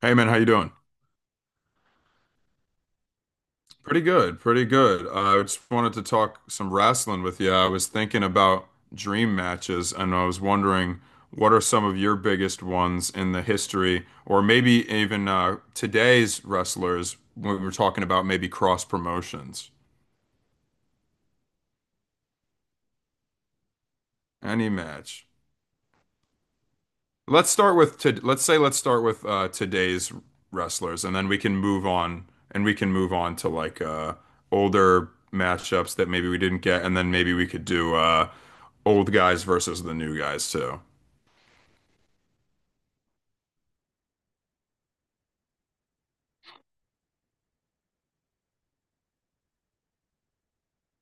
Hey man, how you doing? Pretty good, pretty good. I just wanted to talk some wrestling with you. I was thinking about dream matches, and I was wondering what are some of your biggest ones in the history, or maybe even today's wrestlers when we were talking about maybe cross promotions. Any match. Let's say let's start with today's wrestlers, and then we can move on, and we can move on to like older matchups that maybe we didn't get, and then maybe we could do old guys versus the new guys too.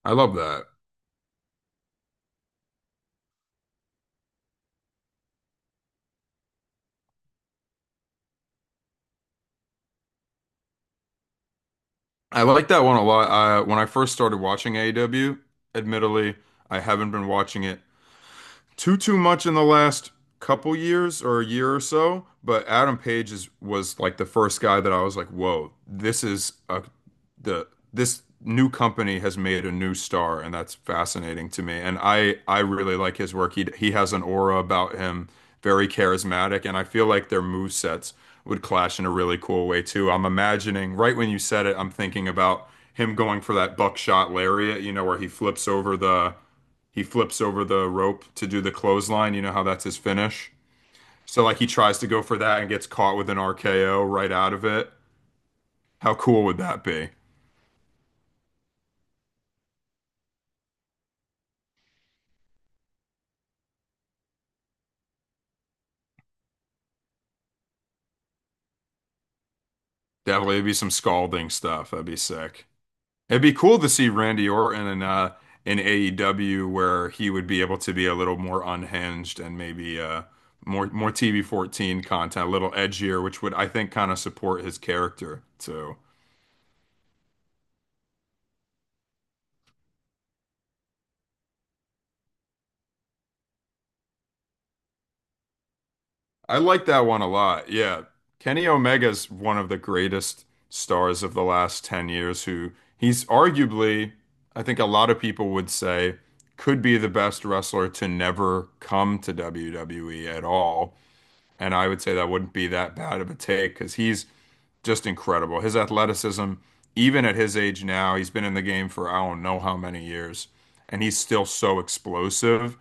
I love that. I like that one a lot. When I first started watching AEW, admittedly, I haven't been watching it too much in the last couple years or a year or so, but Adam Page is was like the first guy that I was like, whoa, the this new company has made a new star, and that's fascinating to me. And I really like his work. He has an aura about him, very charismatic, and I feel like their move sets would clash in a really cool way too. I'm imagining right when you said it, I'm thinking about him going for that buckshot lariat, you know, where he flips over the rope to do the clothesline. You know how that's his finish. So like he tries to go for that and gets caught with an RKO right out of it. How cool would that be? Definitely it'd be some scalding stuff. That'd be sick. It'd be cool to see Randy Orton in in AEW where he would be able to be a little more unhinged and maybe more more TV 14 content, a little edgier, which would I think kind of support his character too. I like that one a lot. Yeah. Kenny Omega's one of the greatest stars of the last 10 years who he's arguably, I think a lot of people would say, could be the best wrestler to never come to WWE at all. And I would say that wouldn't be that bad of a take because he's just incredible. His athleticism, even at his age now, he's been in the game for I don't know how many years, and he's still so explosive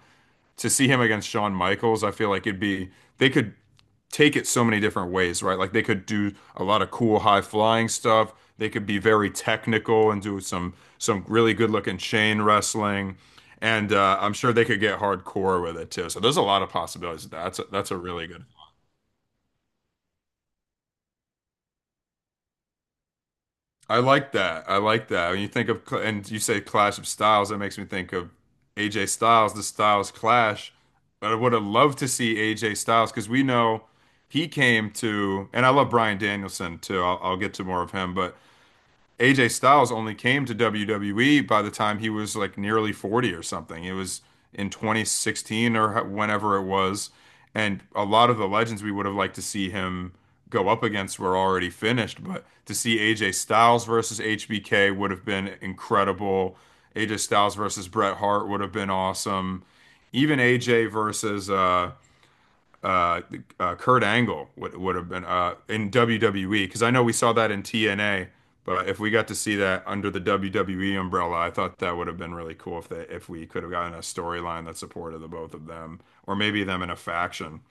to see him against Shawn Michaels, I feel like it'd be they could take it so many different ways, right? Like they could do a lot of cool high flying stuff. They could be very technical and do some really good looking chain wrestling, and I'm sure they could get hardcore with it too. So there's a lot of possibilities. That's a really good I like that. I like that. When you think of, and you say Clash of Styles, that makes me think of AJ Styles, the Styles Clash. But I would have loved to see AJ Styles because we know he came to, and I love Bryan Danielson too. I'll get to more of him, but AJ Styles only came to WWE by the time he was like nearly 40 or something. It was in 2016 or whenever it was. And a lot of the legends we would have liked to see him go up against were already finished. But to see AJ Styles versus HBK would have been incredible. AJ Styles versus Bret Hart would have been awesome. Even AJ versus uh, uh, uh, Kurt Angle would have been in WWE because I know we saw that in TNA, but if we got to see that under the WWE umbrella, I thought that would have been really cool if we could have gotten a storyline that supported the both of them or maybe them in a faction.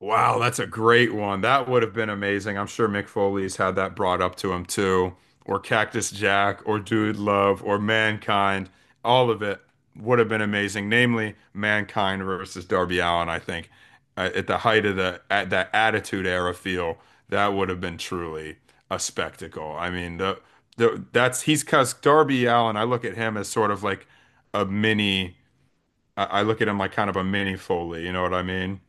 Wow, that's a great one. That would have been amazing. I'm sure Mick Foley's had that brought up to him too, or Cactus Jack, or Dude Love, or Mankind. All of it would have been amazing. Namely, Mankind versus Darby Allin. I think at the height of the at that Attitude Era feel, that would have been truly a spectacle. I mean, the that's he's because Darby Allin. I look at him as sort of like a mini. I look at him like kind of a mini Foley. You know what I mean?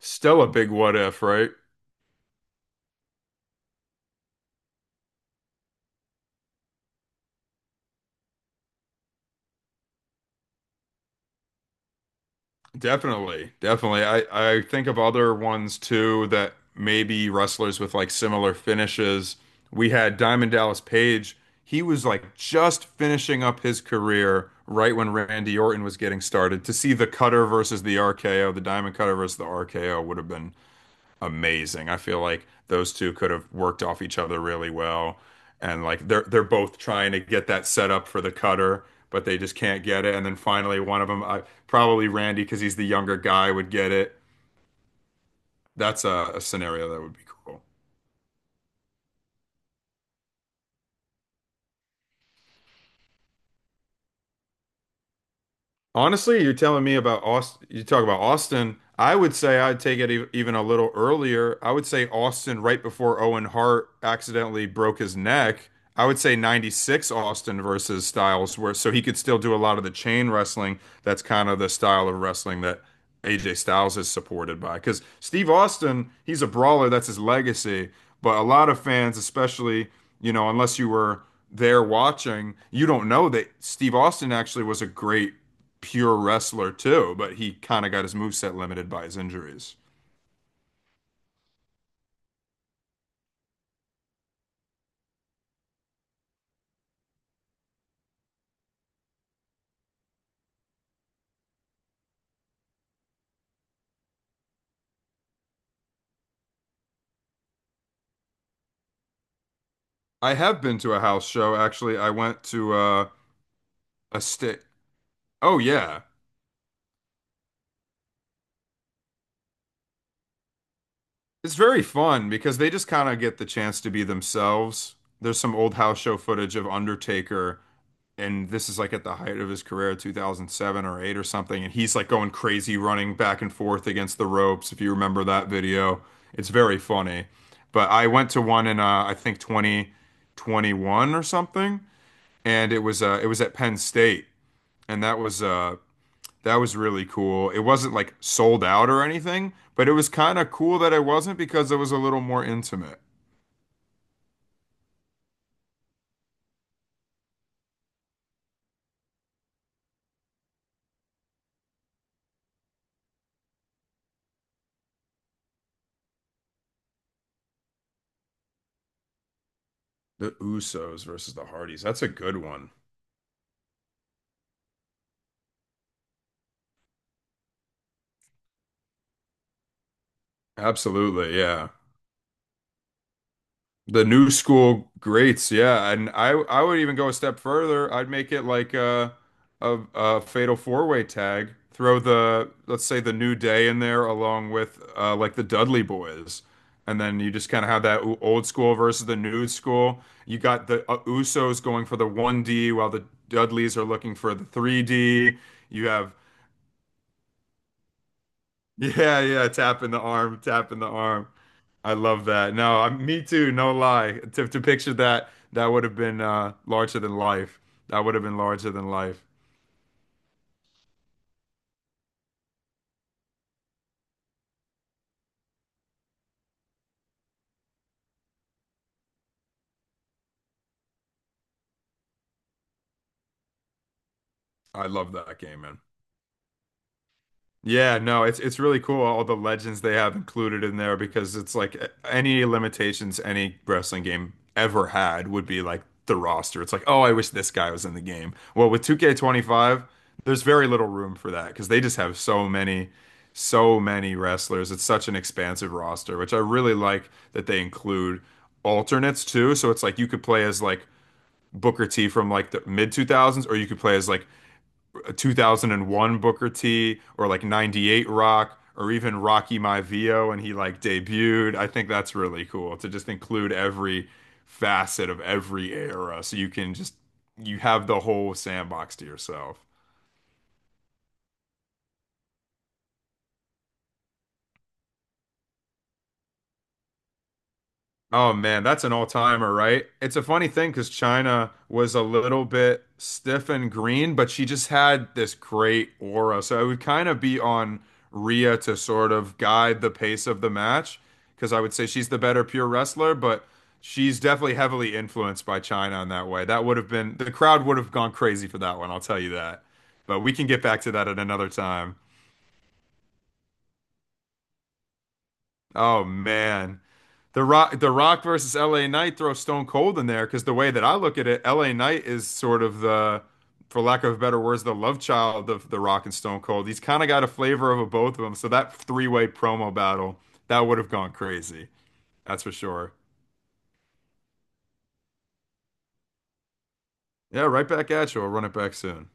Still a big what if, right? Definitely, definitely. I think of other ones too that maybe wrestlers with like similar finishes. We had Diamond Dallas Page. He was like just finishing up his career right when Randy Orton was getting started. To see the cutter versus the RKO, the Diamond Cutter versus the RKO would have been amazing. I feel like those two could have worked off each other really well. And like they're both trying to get that set up for the cutter, but they just can't get it. And then finally one of them, I, probably Randy, because he's the younger guy, would get it. That's a scenario that would be cool. Honestly, you're telling me about Austin. You talk about Austin. I would say I'd take it even a little earlier. I would say Austin right before Owen Hart accidentally broke his neck. I would say 96 Austin versus Styles, where so he could still do a lot of the chain wrestling. That's kind of the style of wrestling that AJ Styles is supported by. Because Steve Austin, he's a brawler, that's his legacy. But a lot of fans, especially, you know, unless you were there watching, you don't know that Steve Austin actually was a great pure wrestler too, but he kind of got his moveset limited by his injuries. I have been to a house show actually. I went to a state. Oh yeah, it's very fun because they just kind of get the chance to be themselves. There's some old house show footage of Undertaker, and this is like at the height of his career, 2007 or eight or something, and he's like going crazy, running back and forth against the ropes. If you remember that video, it's very funny. But I went to one in I think 2021 or something and it was at Penn State and that was really cool. It wasn't like sold out or anything, but it was kind of cool that it wasn't because it was a little more intimate. The Usos versus the Hardys. That's a good one. Absolutely, yeah. The new school greats, yeah, and I would even go a step further. I'd make it like a fatal four-way tag. Throw the Let's say the New Day in there along with like the Dudley Boys, and then you just kind of have that old school versus the new school. You got the Usos going for the 1D while the Dudleys are looking for the 3D. You have yeah, yeah, tapping the arm, tapping the arm. I love that. No, I, me too, no lie. To picture that, that would have been larger than life. That would have been larger than life. I love that game, man. Yeah, no, it's really cool all the legends they have included in there because it's like any limitations any wrestling game ever had would be like the roster. It's like, oh, I wish this guy was in the game. Well, with 2K25, there's very little room for that because they just have so many wrestlers. It's such an expansive roster, which I really like that they include alternates too. So it's like you could play as like Booker T from like the mid 2000s, or you could play as like 2001 Booker T or like 98 Rock or even Rocky Maivia when he like debuted. I think that's really cool to just include every facet of every era so you can just you have the whole sandbox to yourself. Oh man, that's an all-timer, right? It's a funny thing because China was a little bit stiff and green, but she just had this great aura. So it would kind of be on Rhea to sort of guide the pace of the match because I would say she's the better pure wrestler, but she's definitely heavily influenced by China in that way. That would have been the crowd would have gone crazy for that one, I'll tell you that. But we can get back to that at another time. Oh man. The Rock versus LA Knight throw Stone Cold in there because the way that I look at it, LA Knight is sort of the, for lack of better words, the love child of The Rock and Stone Cold. He's kind of got a flavor of a, both of them. So that three-way promo battle, that would have gone crazy. That's for sure. Yeah, right back at you. I'll run it back soon.